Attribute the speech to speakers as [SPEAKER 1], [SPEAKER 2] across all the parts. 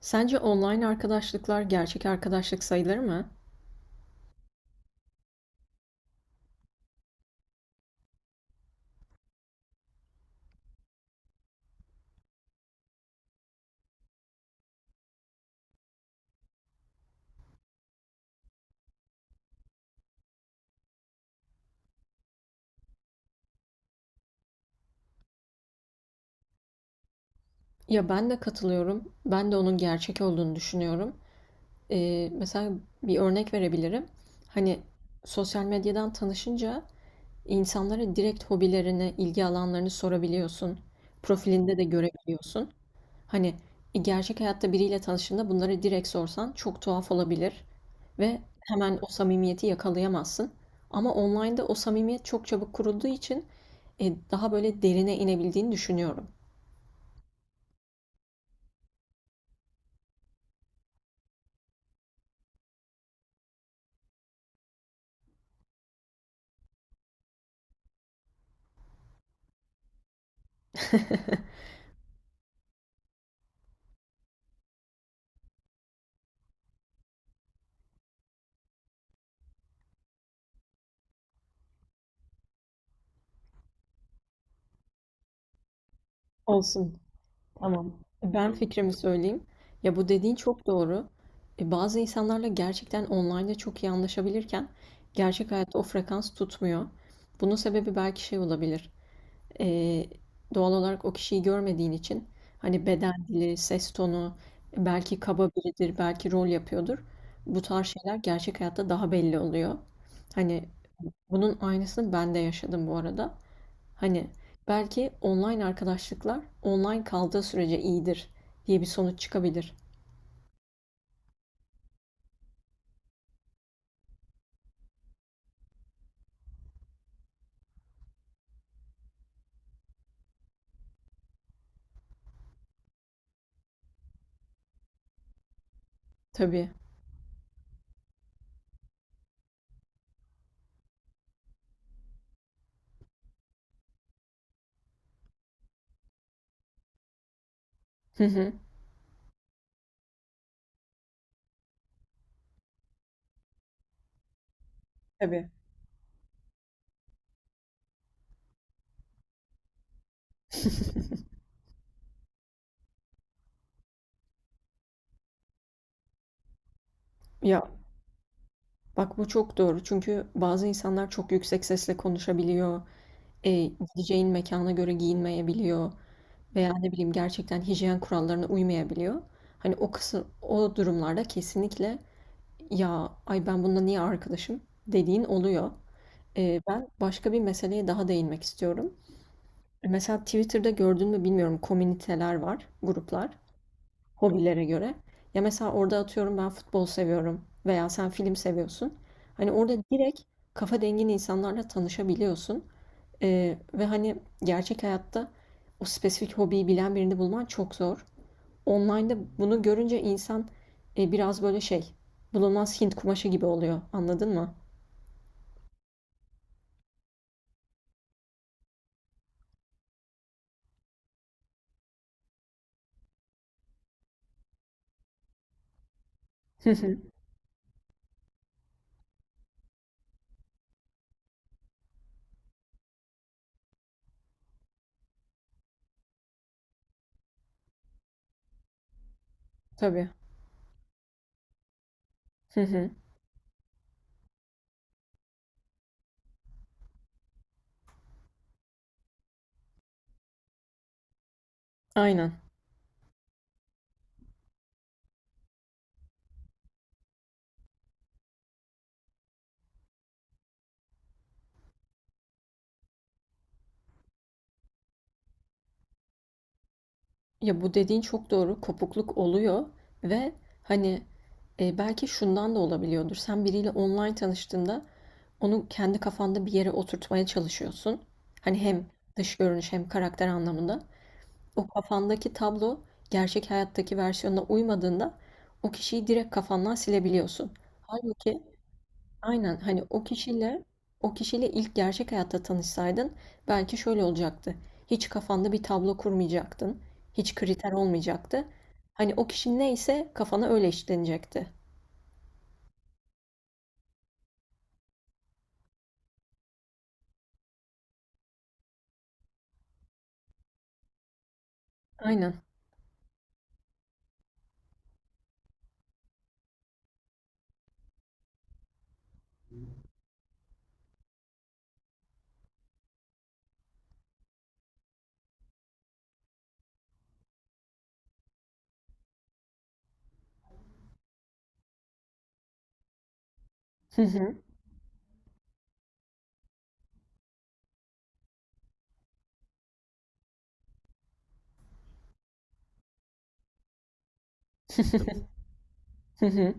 [SPEAKER 1] Sence online arkadaşlıklar gerçek arkadaşlık sayılır mı? Ya ben de katılıyorum. Ben de onun gerçek olduğunu düşünüyorum. Mesela bir örnek verebilirim. Hani sosyal medyadan tanışınca insanlara direkt hobilerini, ilgi alanlarını sorabiliyorsun. Profilinde de görebiliyorsun. Hani, e, Gerçek hayatta biriyle tanıştığında bunları direkt sorsan çok tuhaf olabilir ve hemen o samimiyeti yakalayamazsın. Ama online'da o samimiyet çok çabuk kurulduğu için, daha böyle derine inebildiğini düşünüyorum. Olsun, tamam. Ben fikrimi söyleyeyim. Ya, bu dediğin çok doğru. Bazı insanlarla gerçekten online'da çok iyi anlaşabilirken gerçek hayatta o frekans tutmuyor. Bunun sebebi belki şey olabilir. Ee, Doğal olarak o kişiyi görmediğin için hani beden dili, ses tonu, belki kaba biridir, belki rol yapıyordur. Bu tarz şeyler gerçek hayatta daha belli oluyor. Hani bunun aynısını ben de yaşadım bu arada. Hani belki online arkadaşlıklar online kaldığı sürece iyidir diye bir sonuç çıkabilir. Tabii. Hı hı. Tabii. Ya bak bu çok doğru. Çünkü bazı insanlar çok yüksek sesle konuşabiliyor. E, Gideceğin mekana göre giyinmeyebiliyor. Veya ne bileyim gerçekten hijyen kurallarına uymayabiliyor. Hani o kısım, o durumlarda kesinlikle ya ay ben bununla niye arkadaşım dediğin oluyor. Ben başka bir meseleye daha değinmek istiyorum. Mesela Twitter'da gördün mü bilmiyorum, komüniteler var, gruplar hobilere göre. Ya mesela orada atıyorum ben futbol seviyorum veya sen film seviyorsun. Hani orada direkt kafa dengin insanlarla tanışabiliyorsun. Ve hani gerçek hayatta o spesifik hobiyi bilen birini bulman çok zor. Online'da bunu görünce insan biraz böyle şey, bulunmaz Hint kumaşı gibi oluyor. Anladın mı? Hı hı. Tabii. Hı hı. Aynen. Ya bu dediğin çok doğru. Kopukluk oluyor ve hani belki şundan da olabiliyordur. Sen biriyle online tanıştığında onu kendi kafanda bir yere oturtmaya çalışıyorsun. Hani hem dış görünüş hem karakter anlamında. O kafandaki tablo gerçek hayattaki versiyonuna uymadığında o kişiyi direkt kafandan silebiliyorsun. Halbuki aynen hani o kişiyle ilk gerçek hayatta tanışsaydın belki şöyle olacaktı. Hiç kafanda bir tablo kurmayacaktın. Hiç kriter olmayacaktı. Hani o kişi neyse kafana öyle işlenecekti. Aynen. Hı hı. Hı hı.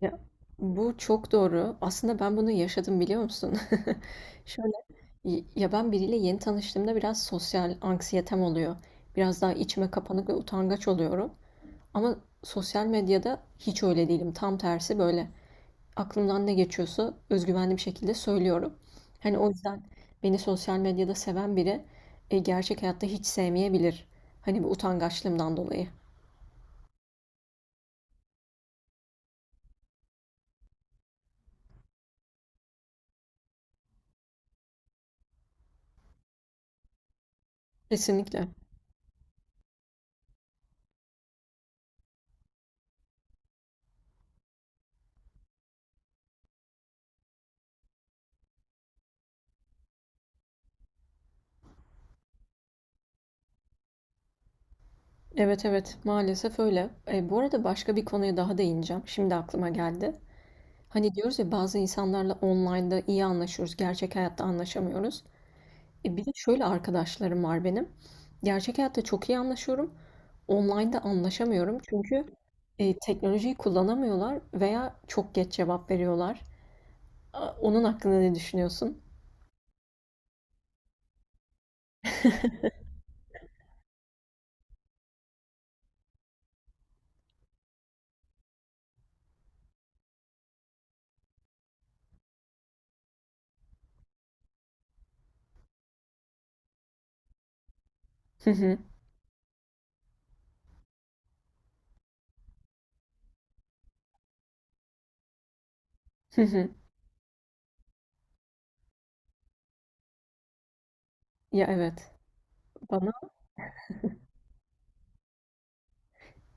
[SPEAKER 1] Ya, bu çok doğru. Aslında ben bunu yaşadım biliyor musun? Şöyle ya ben biriyle yeni tanıştığımda biraz sosyal anksiyetem oluyor. Biraz daha içime kapanık ve utangaç oluyorum. Ama sosyal medyada hiç öyle değilim. Tam tersi böyle, aklımdan ne geçiyorsa özgüvenli bir şekilde söylüyorum. Hani o yüzden beni sosyal medyada seven biri gerçek hayatta hiç sevmeyebilir. Hani bu utangaçlığımdan dolayı. Kesinlikle. Evet, evet, maalesef öyle. Bu arada başka bir konuya daha değineceğim. Şimdi aklıma geldi. Hani diyoruz ya, bazı insanlarla online'da iyi anlaşıyoruz, gerçek hayatta anlaşamıyoruz. Bir de şöyle arkadaşlarım var benim. Gerçek hayatta çok iyi anlaşıyorum. Online'da anlaşamıyorum çünkü teknolojiyi kullanamıyorlar veya çok geç cevap veriyorlar. A, onun hakkında ne düşünüyorsun? Hı hı, hı hı. Ya evet. Bana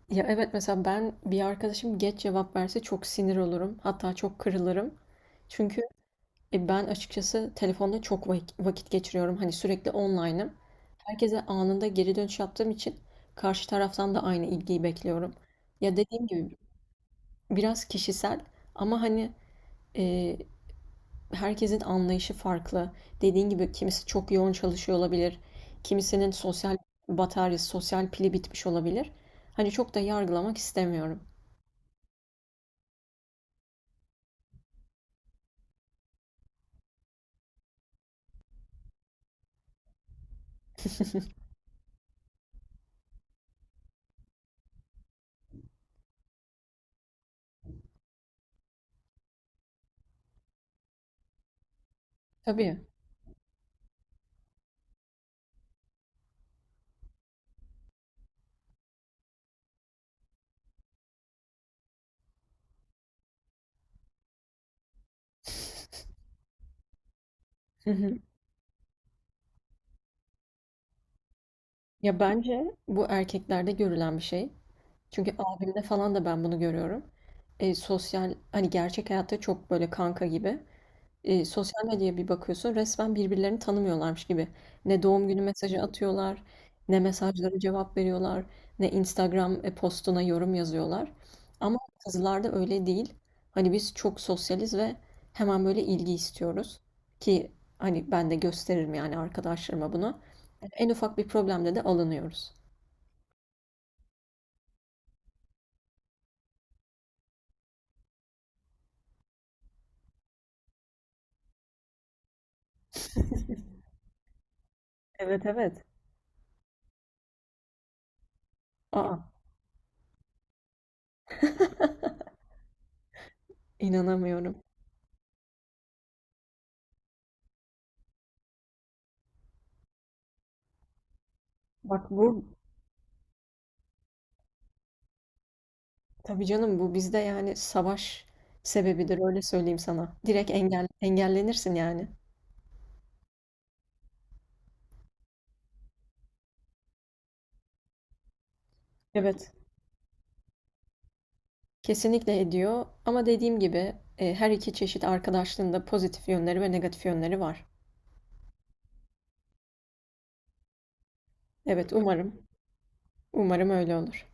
[SPEAKER 1] ya evet, mesela ben bir arkadaşım geç cevap verse çok sinir olurum. Hatta çok kırılırım. Çünkü ben açıkçası telefonda çok vakit geçiriyorum. Hani sürekli online'ım. Herkese anında geri dönüş yaptığım için karşı taraftan da aynı ilgiyi bekliyorum. Ya dediğim gibi biraz kişisel, ama hani e, herkesin anlayışı farklı. Dediğim gibi kimisi çok yoğun çalışıyor olabilir. Kimisinin sosyal bataryası, sosyal pili bitmiş olabilir. Hani çok da yargılamak istemiyorum. Tabii. Hı hı. Ya bence bu erkeklerde görülen bir şey. Çünkü abimde falan da ben bunu görüyorum. Sosyal, hani gerçek hayatta çok böyle kanka gibi. Sosyal medyaya bir bakıyorsun, resmen birbirlerini tanımıyorlarmış gibi. Ne doğum günü mesajı atıyorlar, ne mesajlara cevap veriyorlar, ne Instagram postuna yorum yazıyorlar. Ama kızlarda öyle değil. Hani biz çok sosyaliz ve hemen böyle ilgi istiyoruz. Ki hani ben de gösteririm yani arkadaşlarıma bunu. En ufak bir problemde de alınıyoruz. Evet, evet. Aa. İnanamıyorum. Bak bu tabii canım, bu bizde yani savaş sebebidir, öyle söyleyeyim sana. Direkt engel, engellenirsin yani. Evet, kesinlikle ediyor, ama dediğim gibi her iki çeşit arkadaşlığın da pozitif yönleri ve negatif yönleri var. Evet umarım, umarım öyle olur.